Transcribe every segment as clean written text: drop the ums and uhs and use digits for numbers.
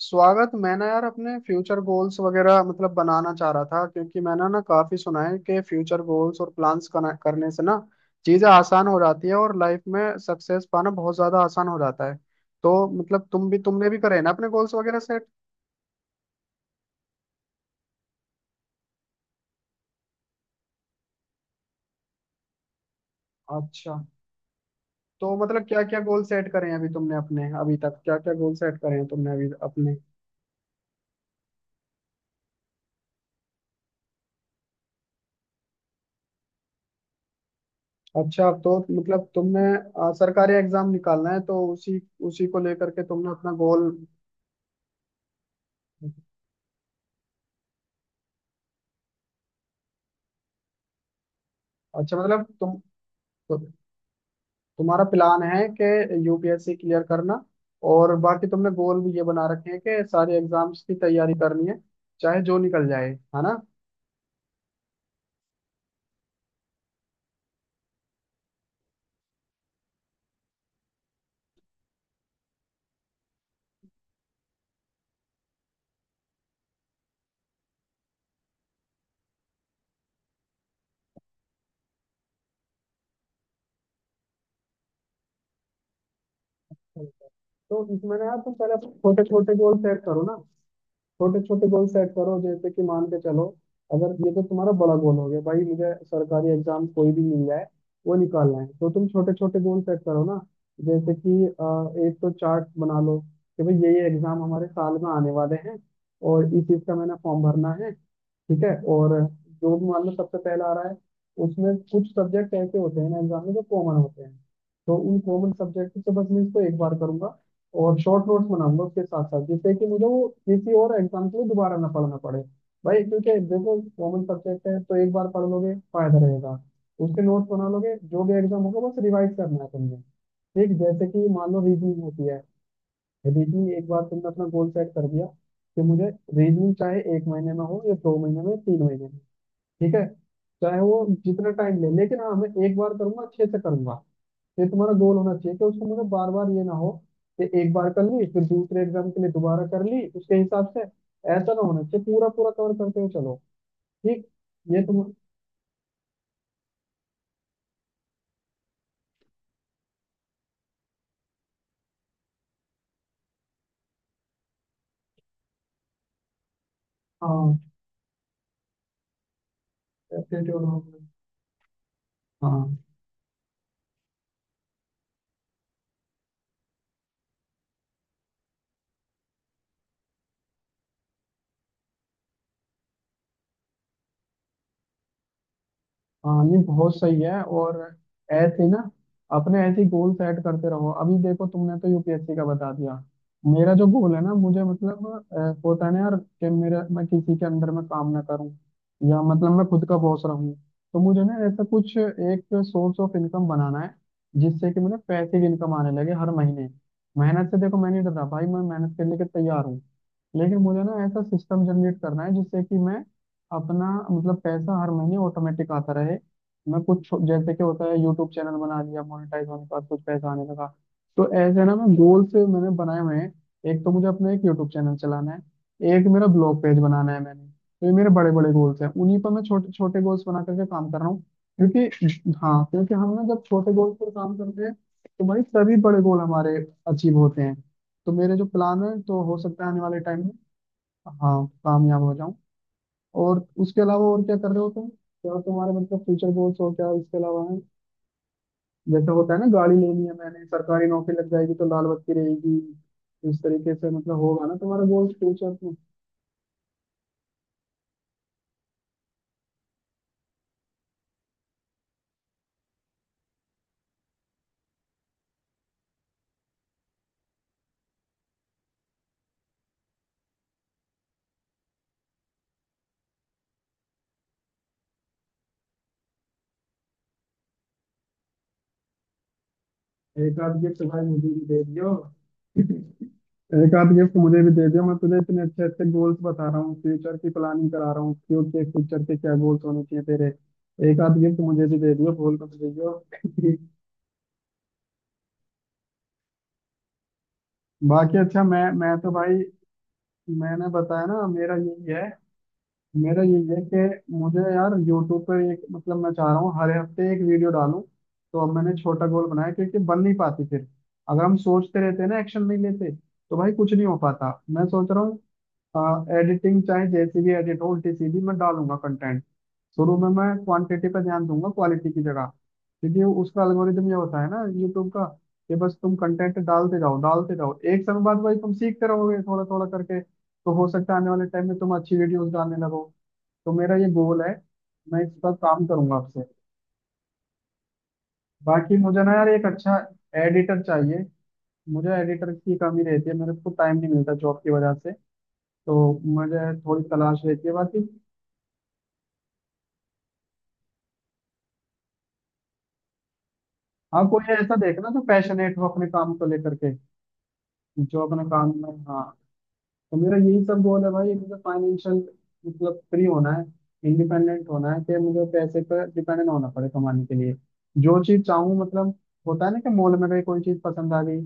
स्वागत। मैं ना यार अपने फ्यूचर गोल्स वगैरह मतलब बनाना चाह रहा था, क्योंकि मैंने ना काफी सुना है कि फ्यूचर गोल्स और प्लान्स करने से ना चीजें आसान हो जाती है और लाइफ में सक्सेस पाना बहुत ज्यादा आसान हो जाता है। तो मतलब तुमने भी करे ना अपने गोल्स वगैरह सेट? अच्छा, तो मतलब क्या क्या गोल सेट करे हैं अभी तुमने अपने, अभी तक क्या क्या गोल सेट करे हैं तुमने अभी अपने? अच्छा, तो मतलब तुमने सरकारी एग्जाम निकालना है तो उसी, उसी को लेकर के तुमने अपना गोल। अच्छा, मतलब तुम्हारा प्लान है कि यूपीएससी क्लियर करना, और बाकी तुमने गोल भी ये बना रखे हैं कि सारे एग्जाम्स की तैयारी करनी है, चाहे जो निकल जाए, है ना। तो इसमें ना यार तुम पहले छोटे छोटे गोल सेट करो ना, छोटे छोटे गोल सेट करो। जैसे कि मान के चलो, अगर ये तो तुम्हारा बड़ा गोल हो गया भाई, मुझे सरकारी एग्जाम कोई भी मिल जाए, वो निकालना है, तो तुम छोटे छोटे गोल सेट करो ना। जैसे कि एक तो चार्ट बना लो कि भाई ये एग्जाम हमारे साल में आने वाले हैं, और इस चीज का मैंने फॉर्म भरना है। ठीक है। और जो भी मान लो सबसे पहला आ रहा है, उसमें कुछ सब्जेक्ट ऐसे होते हैं ना एग्जाम में जो कॉमन होते हैं, तो उन कॉमन सब्जेक्ट से बस मैं इसको एक बार करूंगा और शॉर्ट नोट्स बनाऊंगा उसके साथ साथ, जिससे कि मुझे वो किसी और एग्जाम के लिए दोबारा ना पढ़ना पड़े भाई। क्योंकि देखो कॉमन सब्जेक्ट है, तो एक बार पढ़ लोगे, फायदा रहेगा। उसके नोट्स बना लोगे, जो भी एग्जाम होगा बस रिवाइज करना है तुमने। ठीक, जैसे कि मान लो रीजनिंग होती है। रीजनिंग एक बार तुमने अपना गोल सेट कर दिया कि मुझे रीजनिंग चाहे एक महीने में हो या दो महीने में तीन महीने में, ठीक है, चाहे वो जितना टाइम ले, लेकिन हाँ मैं एक बार करूंगा, अच्छे से करूंगा। ये तुम्हारा गोल होना चाहिए कि उसको मुझे बार बार ये ना हो कि एक बार कर ली, फिर दूसरे एग्जाम के लिए दोबारा कर ली, उसके हिसाब से। ऐसा ना होना चाहिए, पूरा पूरा कवर करते हुए चलो। ठीक, ये तुम। हाँ, एप्टीट्यूड हो गया। हाँ। हाँ, नहीं बहुत सही है। और ऐसे ही ना अपने ऐसे ही गोल सेट करते रहो। अभी देखो तुमने तो यूपीएससी का बता दिया, मेरा जो गोल है ना मुझे मतलब होता है ना यार कि मेरा, मैं किसी के अंदर में काम ना करूं या मतलब मैं खुद का बॉस रहूं। तो मुझे ना ऐसा कुछ एक सोर्स ऑफ इनकम बनाना है जिससे कि मेरा पैसिव इनकम आने लगे हर महीने। मेहनत से देखो मैं नहीं डर रहा भाई, मैं मेहनत करने के तैयार हूँ, लेकिन मुझे ना ऐसा सिस्टम जनरेट करना है जिससे कि मैं अपना मतलब पैसा हर महीने ऑटोमेटिक आता रहे। मैं जैसे कि होता है यूट्यूब चैनल बना लिया, मोनेटाइज होने के बाद कुछ पैसा आने लगा, तो ऐसे ना मैं गोल्स मैंने बनाए हुए हैं। एक तो मुझे अपना एक यूट्यूब चैनल चलाना है, एक मेरा ब्लॉग पेज बनाना है। मैंने तो ये मेरे बड़े बड़े गोल्स हैं, उन्हीं पर मैं छोटे छोटे गोल्स बना करके काम कर रहा हूँ। क्योंकि हाँ, क्योंकि हम ना जब छोटे गोल्स पर काम करते हैं तो भाई सभी बड़े गोल हमारे अचीव होते हैं। तो मेरे जो प्लान है तो हो सकता है आने वाले टाइम, हाँ, कामयाब हो जाऊं। और उसके अलावा और क्या कर रहे हो तुम? क्या तुम्हारे मतलब फ्यूचर गोल्स और क्या इसके अलावा है? जैसे होता है ना गाड़ी लेनी है, मैंने सरकारी नौकरी लग जाएगी तो लाल बत्ती रहेगी, इस तरीके से मतलब होगा ना तुम्हारा गोल्स फ्यूचर में। एक आध गिफ्ट भाई मुझे भी दे दियो। एक आध गिफ्ट मुझे भी दे दियो, मैं तुझे इतने अच्छे अच्छे गोल्स बता रहा हूँ, फ्यूचर की प्लानिंग करा रहा हूँ क्यों के फ्यूचर के क्या गोल्स होने चाहिए तेरे। एक आध गिफ्ट मुझे भी दे दियो, भूल मत जाइयो। बाकी अच्छा, मैं तो भाई, मैंने बताया ना मेरा यही है। मेरा ये है कि मुझे यार यूट्यूब पे एक मतलब मैं चाह रहा हूँ हर हफ्ते एक वीडियो डालूं। तो अब मैंने छोटा गोल बनाया, क्योंकि बन नहीं पाती फिर। अगर हम सोचते रहते हैं ना, एक्शन नहीं लेते, तो भाई कुछ नहीं हो पाता। मैं सोच रहा हूँ एडिटिंग चाहे जैसी भी एडिट हो, उल्टी सीधी, मैं डालूंगा कंटेंट। शुरू में मैं क्वांटिटी पर ध्यान दूंगा क्वालिटी की जगह, क्योंकि उसका एल्गोरिदम ये होता है ना यूट्यूब का कि बस तुम कंटेंट डालते जाओ डालते जाओ, एक समय बाद भाई तुम सीखते रहोगे थोड़ा थोड़ा करके, तो हो सकता है आने वाले टाइम में तुम अच्छी वीडियोस डालने लगो। तो मेरा ये गोल है, मैं इस पर काम करूंगा आपसे। बाकी मुझे ना यार एक अच्छा एडिटर चाहिए। मुझे एडिटर की कमी रहती है, मेरे को टाइम नहीं मिलता जॉब की वजह से, तो मुझे थोड़ी तलाश रहती है बाकी। हाँ, कोई ऐसा देखना जो पैशनेट हो अपने काम को लेकर के, जो अपने काम में, हाँ। तो मेरा यही सब गोल है भाई, मुझे फाइनेंशियल मतलब फ्री होना है, इंडिपेंडेंट होना है कि मुझे पैसे पर डिपेंडेंट होना पड़े कमाने के लिए। जो चीज चाहूँ मतलब, होता है ना कि मॉल में गई कोई चीज पसंद आ गई,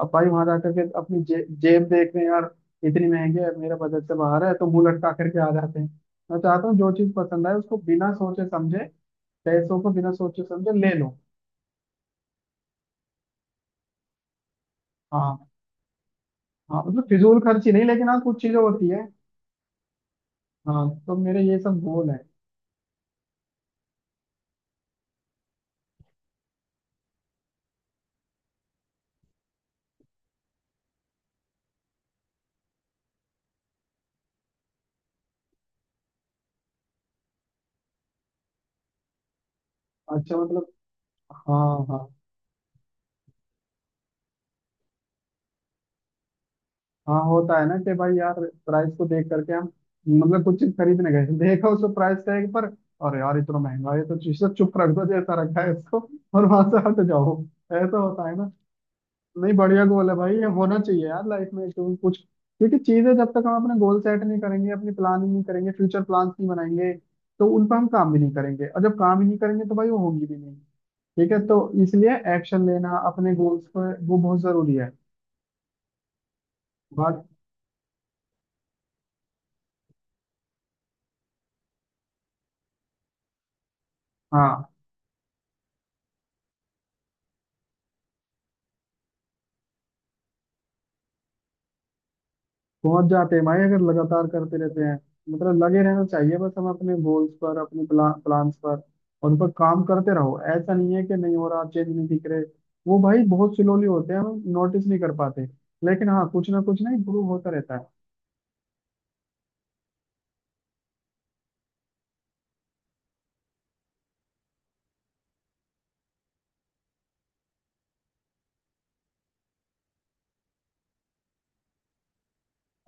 अब भाई वहां जाकर के अपनी जेब देख रहे हैं यार, इतनी महंगी है, मेरा बजट से बाहर है, तो मुंह लटका करके आ जाते हैं। मैं चाहता हूँ जो चीज पसंद आए उसको बिना सोचे समझे, पैसों को बिना सोचे समझे ले लो। हाँ। हाँ, मतलब फिजूल खर्ची नहीं, लेकिन हाँ कुछ चीजें होती है। हाँ, तो मेरे ये सब गोल है। अच्छा, मतलब हाँ, हाँ। हाँ, होता है ना कि भाई यार प्राइस को देख करके हम मतलब कुछ चीज खरीदने गए, देखा उसको प्राइस टैग पर, और यार इतना महंगा है, तो चीज चुप रख दो जैसा रखा है इसको और वहां से हट जाओ। ऐसा तो होता है ना। नहीं, बढ़िया गोल है भाई, ये होना चाहिए यार लाइफ में, क्यों कुछ, क्योंकि चीजें जब तक हम अपने गोल सेट नहीं करेंगे, अपनी प्लानिंग नहीं करेंगे, फ्यूचर प्लान्स नहीं बनाएंगे, तो उन पर हम काम भी नहीं करेंगे, और जब काम ही नहीं करेंगे तो भाई वो होंगी भी नहीं। ठीक है। तो इसलिए एक्शन लेना अपने गोल्स पर, वो बहुत जरूरी है। बात। हाँ, पहुंच जाते हैं भाई अगर लगातार करते रहते हैं। मतलब लगे रहना चाहिए बस हम अपने गोल्स पर, अपने प्लान्स पर, और उन पर काम करते रहो। ऐसा नहीं है कि नहीं हो रहा, चेंज नहीं दिख रहे, वो भाई बहुत स्लोली होते हैं, हम नोटिस नहीं कर पाते, लेकिन हाँ कुछ ना इम्प्रूव होता रहता है।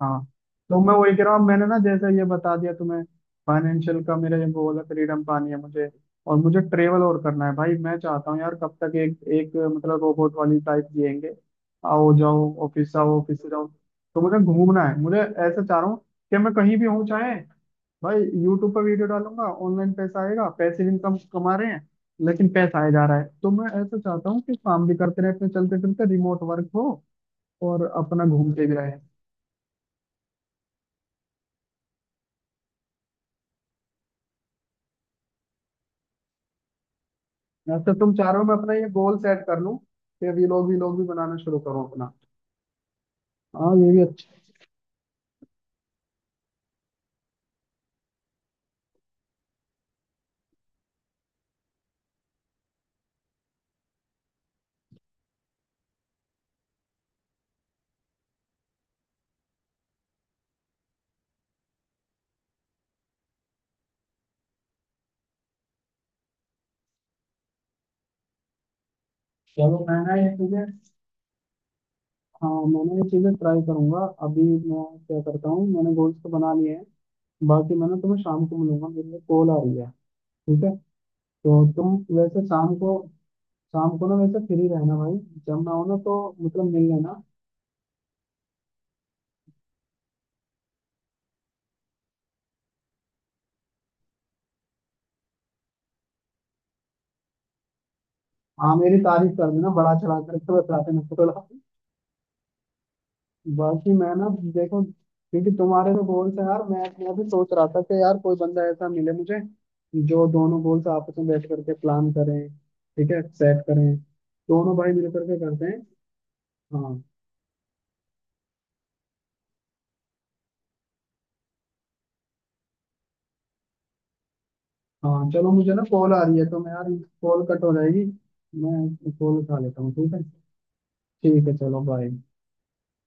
हाँ, तो मैं वही कह रहा हूँ, मैंने ना जैसे ये बता दिया तुम्हें, फाइनेंशियल का मेरा ये गोल है, फ्रीडम पानी है मुझे। और मुझे ट्रेवल और करना है भाई, मैं चाहता हूँ यार कब तक एक एक मतलब रोबोट वाली टाइप जिएंगे, आओ जाओ ऑफिस, आओ ऑफिस जाओ। तो मुझे घूमना है, मुझे ऐसा चाह रहा हूँ कि मैं कहीं भी हूँ, चाहे भाई यूट्यूब पर वीडियो डालूंगा, ऑनलाइन पैसा आएगा, पैसे इनकम कमा रहे हैं, लेकिन पैसा आया जा रहा है, तो मैं ऐसा चाहता हूँ कि काम भी करते रहे अपने चलते फिरते, रिमोट वर्क हो और अपना घूमते भी रहे। या तो तुम चारों में अपना ये गोल सेट कर लूं कि ये लोग भी बनाना शुरू करो अपना। हाँ, ये भी अच्छा। चलो मैं ना ये चीजें, हाँ मैं ना ये चीजें ट्राई करूंगा। अभी मैं क्या करता हूँ, मैंने गोल्स तो बना लिए हैं, बाकी मैं ना तुम्हें शाम को मिलूंगा, मेरे लिए कॉल आ रही है। ठीक है। तो तुम वैसे शाम को, शाम को ना वैसे फ्री रहना भाई, जब मैं आऊँ ना तो मतलब मिल लेना। हाँ, मेरी तारीफ कर देना बड़ा चढ़ा करके, बताते ना थोड़ा। बाकी मैं ना, देखो क्योंकि तुम्हारे तो गोल से यार मैं भी सोच रहा था कि यार कोई बंदा ऐसा मिले मुझे जो दोनों गोल्स आपस में बैठ करके प्लान करें, ठीक है, सेट करें, दोनों भाई मिल करके करते हैं। हाँ। हाँ, चलो मुझे ना कॉल आ रही है, तो मैं यार, कॉल कट हो जाएगी, मैं कॉल उठा लेता हूँ। ठीक है? ठीक है, चलो बाय।